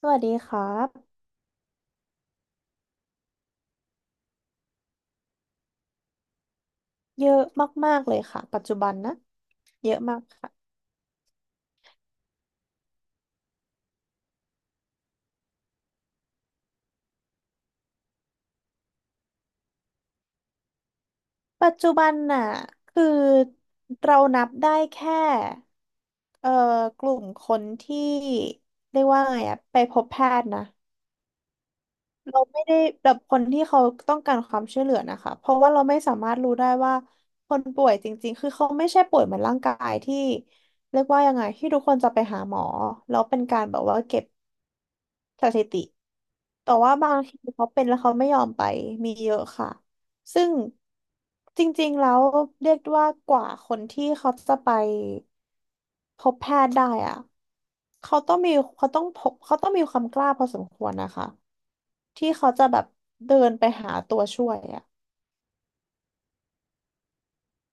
สวัสดีครับเยอะมากๆเลยค่ะปัจจุบันนะเยอะมากค่ะปัจจุบันน่ะคือเรานับได้แค่เอ่อกลุ่มคนที่เรียกว่าไงอะไปพบแพทย์นะเราไม่ได้แบบคนที่เขาต้องการความช่วยเหลือนะคะเพราะว่าเราไม่สามารถรู้ได้ว่าคนป่วยจริงๆคือเขาไม่ใช่ป่วยเหมือนร่างกายที่เรียกว่ายังไงที่ทุกคนจะไปหาหมอแล้วเป็นการแบบว่าเก็บ สถิติแต่ว่าบางทีเขาเป็นแล้วเขาไม่ยอมไปมีเยอะค่ะ ซึ่งจริงๆแล้วเรียกว่ากว่าคนที่เขาจะไปพบแพทย์ได้อะเขาต้องมีเขาต้องมีความกล้าพอสมควรนะคะที่เขาจะแบบเดินไปหาตัวช่วยอะ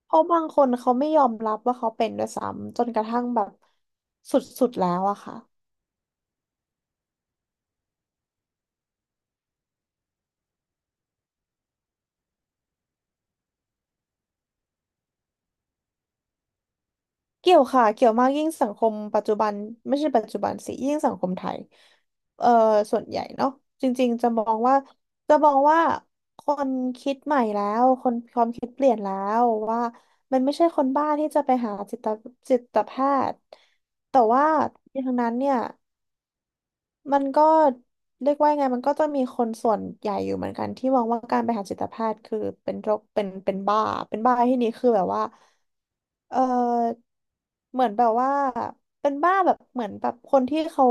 เพราะบางคนเขาไม่ยอมรับว่าเขาเป็นด้วยซ้ำจนกระทั่งแบบสุดๆแล้วอะค่ะ เกี่ยวค่ะเกี่ยวมากยิ่งสังคมปัจจุบันไม่ใช่ปัจจุบันสิยิ่งสังคมไทยเอ่อส่วนใหญ่เนาะจริงๆจะมองว่าจะมองว่าคนคิดใหม่แล้วคนความคิดเปลี่ยนแล้วว่ามันไม่ใช่คนบ้าที่จะไปหาจิตแพทย์แต่ว่าทั้งนั้นเนี่ยมันก็เรียกว่ายังไงมันก็จะมีคนส่วนใหญ่อยู่เหมือนกันที่มองว่าการไปหาจิตแพทย์คือเป็นโรคเป็นบ้าเป็นบ้าที่นี้คือแบบว่า เออเหมือนแบบว่าเป็นบ้าแบบเหมือนแบบคนที่เขา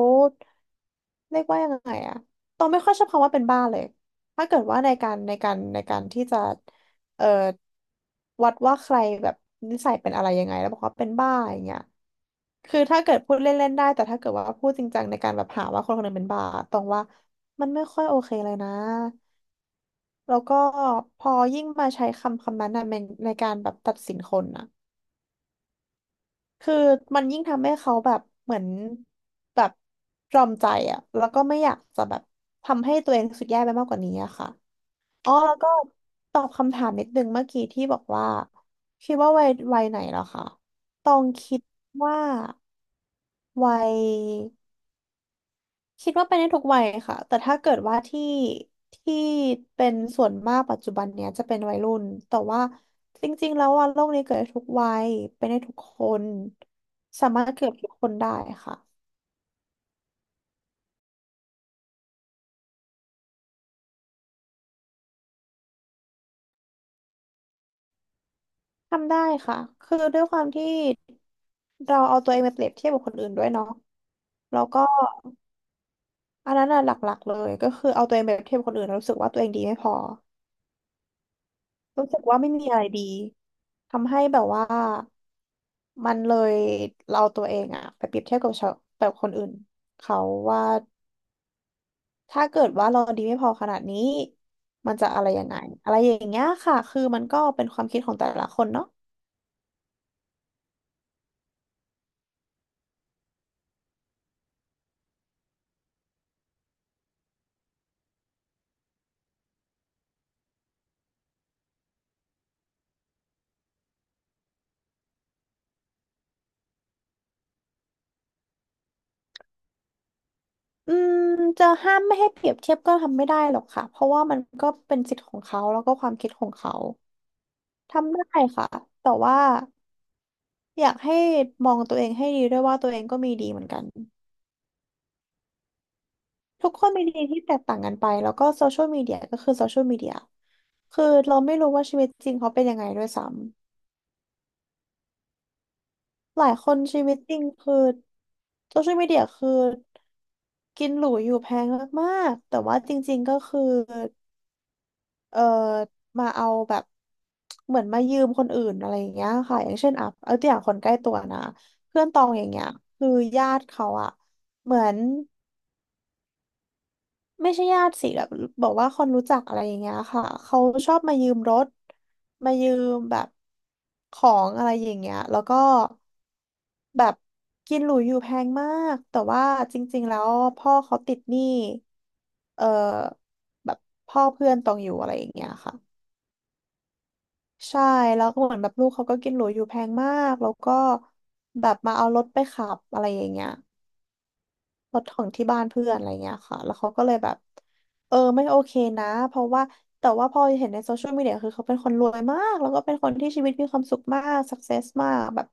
เรียกว่ายังไงอะตองไม่ค่อยชอบคำว่าเป็นบ้าเลยถ้าเกิดว่าในการที่จะเออวัดว่าใครแบบนิสัยเป็นอะไรยังไงแล้วบอกว่าเป็นบ้าอย่างเงี้ยคือถ้าเกิดพูดเล่นๆได้แต่ถ้าเกิดว่าพูดจริงจังในการแบบหาว่าคนคนหนึงเป็นบ้าตรงว่ามันไม่ค่อยโอเคเลยนะแล้วก็พอยิ่งมาใช้คำนั้นนะในการแบบตัดสินคนนะ คือมันยิ่งทำให้เขาแบบเหมือนแบบตรอมใจอะแล้วก็ไม่อยากจะแบบทำให้ตัวเองรู้สุดแย่ไปมากกว่านี้อะค่ะอ๋อแล้วก็ตอบคำถามนิดนึงเมื่อกี้ที่บอกว่าคิดว่าวัยไหนเหรอคะตองคิดว่าวัย คิดว่าไปได้ทุกวัยค่ะแต่ถ้าเกิดว่าที่เป็นส่วนมากปัจจุบันเนี้ยจะเป็นวัยรุ่นแต่ว่าจริงๆแล้วว่าโลกนี้เกิดได้ทุกวัยเป็นได้ทุกคนสามารถเกิดทุกบคนได้ค่ะทำได้ค่ะคือด้วยความที่เราเอาตัวเองไปเปรียบเทียบกับคนอื่นด้วยเนาะแล้วก็อันนั้นน่ะหลักๆเลยก็คือเอาตัวเองไปเปรียบเทียบกับคนอื่นแล้วรู้สึกว่าตัวเองดีไม่พอ รู้สึกว่าไม่มีอะไรดีทำให้แบบว่ามันเลยเราตัวเองอะไปเปรียบเทียบกับชาวแบบคนอื่นเขาว่าถ้าเกิดว่าเราดีไม่พอขนาดนี้มันจะอะไรยังไงอะไรอย่างเงี้ยค่ะคือมันก็เป็นความคิดของแต่ละคนเนาะอืมจะห้ามไม่ให้เปรียบเทียบก็ทำไม่ได้หรอกค่ะเพราะว่ามันก็เป็นสิทธิ์ของเขาแล้วก็ความคิดของเขาทำได้ค่ะแต่ว่าอยากให้มองตัวเองให้ดีด้วยว่าตัวเองก็มีดีเหมือนกัน ทุกคนมีดีที่แตกต่างกันไปแล้วก็โซเชียลมีเดียก็คือโซเชียลมีเดียคือเราไม่รู้ว่าชีวิตจริงเขาเป็นยังไงด้วยซ้ำหลายคนชีวิตจริงคือโซเชียลมีเดียคือกินหรูอยู่แพงมากๆแต่ว่าจริงๆก็คือเออมาเอาแบบเหมือนมายืมคนอื่นอะไรอย่างเงี้ยค่ะอย่างเช่นอ่ะเอาตัวอย่างคนใกล้ตัวนะเพื่อนตองอย่างเงี้ยคือญาติเขาอะเหมือน ไม่ใช่ญาติสิแบบบอกว่าคนรู้จักอะไรอย่างเงี้ยค่ะเขาชอบมายืมรถมายืมแบบของอะไรอย่างเงี้ยแล้วก็แบบกินหรูอยู่แพงมากแต่ว่าจริงๆแล้วพ่อเขาติดหนี้เออแบบพ่อเพื่อนตองอยู่อะไรอย่างเงี้ยค่ะใช่แล้วก็เหมือนแบบลูกเขาก็กินหรูอยู่แพงมากแล้วก็แบบมาเอารถไปขับอะไรอย่างเงี้ย รถของที่บ้านเพื่อนอะไรเงี้ยค่ะแล้วเขาก็เลยแบบไม่โอเคนะเพราะว่าแต่ว่าพอเห็นในโซเชียลมีเดียคือเขาเป็นคนรวยมากแล้วก็เป็นคนที่ชีวิตมีความสุขมากสักเซสมากแบบ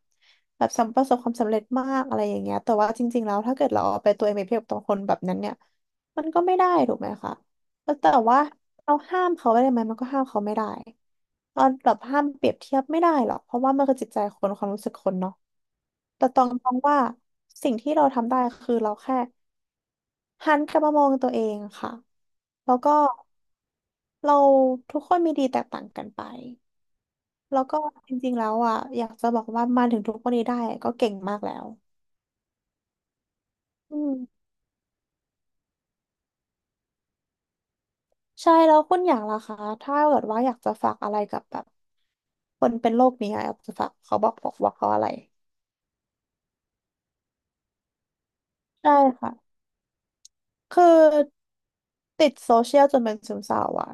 สำประสบความสำเร็จมากอะไรอย่างเงี้ยแต่ว่าจริงๆแล้วถ้าเกิดเราเอาไปตัวเองไปเปรียบกับคนแบบนั้นเนี่ยมันก็ไม่ได้ถูกไหมคะแล้วแต่ว่าเราห้ามเขาไว้ได้ไหมมันก็ห้ามเขาไม่ได้เราแบบห้ามเปรียบเทียบไม่ได้หรอกเพราะว่ามันคือจิตใจคนความรู้สึกคนเนาะ แต่ตองมองว่าสิ่งที่เราทำได้คือเราแค่หันกลับมามองตัวเองค่ะแล้วก็เราทุกคนมีดีแตกต่างกันไปแล้วก็จริงๆแล้วอ่ะอยากจะบอกว่ามาถึงทุกวันนี้ได้ก็เก่งมากแล้วอืมใช่แล้วคุณอย่างล่ะคะถ้าเกิดว่าอยากจะฝากอะไรกับแบบคนเป็นโรคนี้อะอยากจะฝากเขาบอกว่าเขาอะไรใช่ค่ะคือติดโซเชียลจนเป็นซึมเศร้าอ่ะ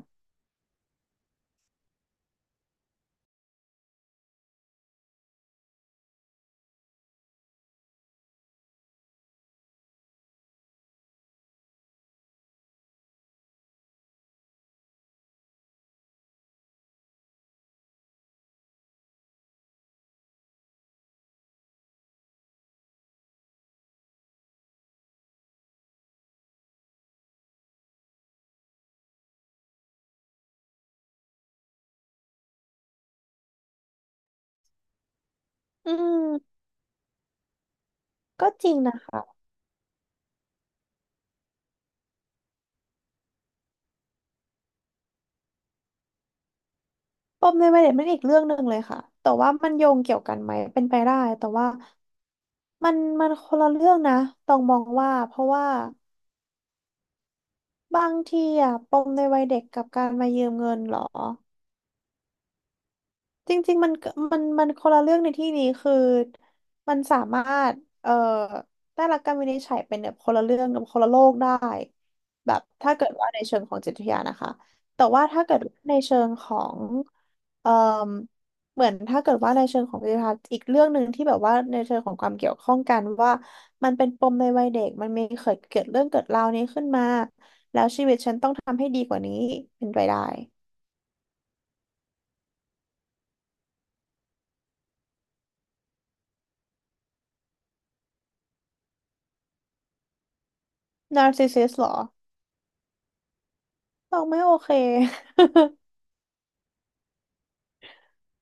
อืมก็จริงนะคะ ปมในวัยเด็กเป็นอีกเรื่องหนึ่งเลยค่ะ แต่ว่ามันโยงเกี่ยวกันไหมเป็นไปได้แต่ว่ามันคนละเรื่องนะ ต้องมองว่าเพราะว่าบางทีอะปมในวัยเด็กกับการมายืมเงินเหรอ จริงๆ มันก็มันคนละเรื่องในที่นี้คือมันสามารถเอ่อได้รับการวินิจฉัยเป็นแบบคนละเรื่องกับคนละโลกได้แบบถ้าเกิดว่าในเชิงของจิตวิทยานะคะแต่ว่าถ้าเกิดในเชิงของเอ่อเหมือนถ้าเกิดว่าในเชิงของจิตวิทยาอีกเรื่องหนึ่งที่แบบว่าในเชิงของความเกี่ยวข้องกันว่ามันเป็นปมในวัยเด็กมันมีเกิดเรื่องเกิดราวนี้ขึ้นมาแล้วชีวิตฉันต้องทำให้ดีกว่านี้เป็นไปได้นาร์ซิสซิสเหรอบอกไม่โอเค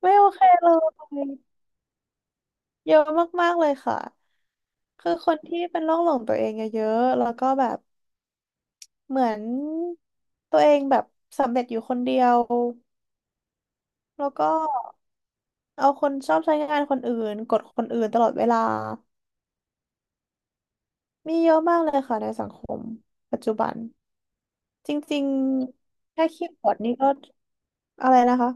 ไม่โอเคเลยเยอะมากๆเลยค่ะคือคนที่เป็นโรคหลงตัวเองเยอะๆแล้วก็แบบเหมือนตัวเองแบบสำเร็จอยู่คนเดียวแล้วก็เอาคนชอบใช้งานคนอื่นกดคนอื่นตลอดเวลามีเยอะมากเลยค่ะในสังคมปัจจุบันจริงๆแค่คีย์บอร์ดนี่ก็อะไรนะคะ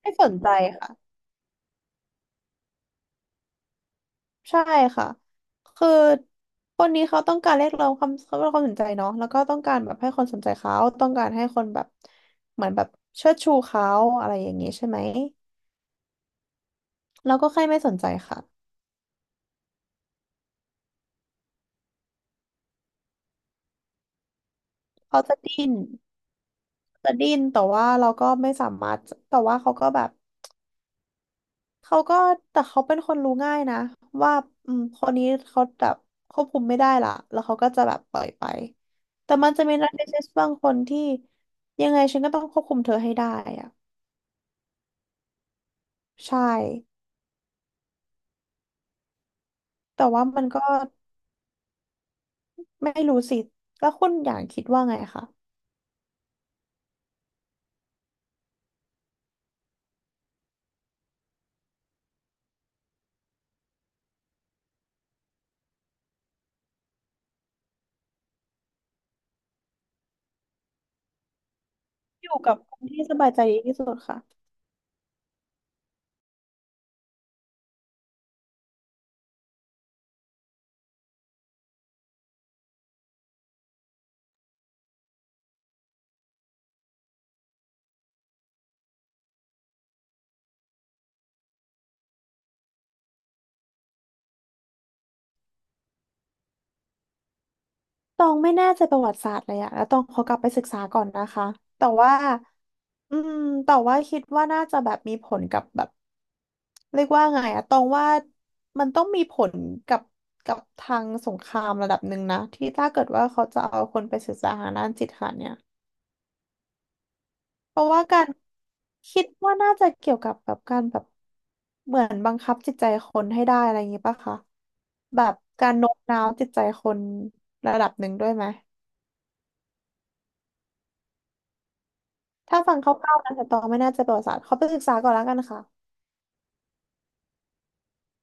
ไม่สนใจค่ะ ใช่ค่ะคือคนนี้เขาต้องการเรียกร้องความเขาเรียกร้องความสนใจเนาะแล้วก็ต้องการแบบให้คนสนใจเขาต้องการให้คนแบบเหมือนแบบเชิดชูเขาอะไรอย่างนี้ใช่ไหมเราก็แค่ไม่สนใจค่ะเขาจะดิ้นจะดิ้นแต่ว่าเราก็ไม่สามารถแต่ว่าเขาก็แต่เขาเป็นคนรู้ง่ายนะว่าอืมคนนี้เขาแบบควบคุมไม่ได้ละแล้วเขาก็จะแบบปล่อยไปแต่มันจะมีนักเทนนิสบางคนที่ยังไงฉันก็ต้องควบคุมเธอให้ได้อะ ใช่ แต่ว่ามันก็ไม่รู้สิ แล้วคุณอย่างคิดว่าไงคะ อยู่กับคนที่สบายใจดีที่สุดค่ะตองไม่แน่ใจประวัติศาสตร์เลยอะแล้วตองขอกลับไปศึกษาก่อนนะคะ แต่ว่าอืมแต่ว่าคิดว่าน่าจะแบบมีผลกับแบบเรียกว่าไงอะตองว่ามันต้องมีผลกับกับทางสงครามระดับหนึ่งนะที่ถ้าเกิดว่าเขาจะเอาคนไปศึกษาทางด้านจิตค่ะเนี่ย เพราะว่าการคิดว่าน่าจะเกี่ยวกับแบบการแบบเหมือนบังคับจิตใจคนให้ได้อะไรอย่างงี้ปะคะแบบการโน้มน้าวจิตใจคนระดับหนึ่งด้วยไหมถ้าฟังคร่าวๆนะแต่ตองไม่น่าจะประวัติศาสตร์ขอไปศึกษาก่อนแล้วกันค่ะ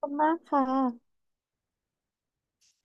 ขอบคุณมากค่ะ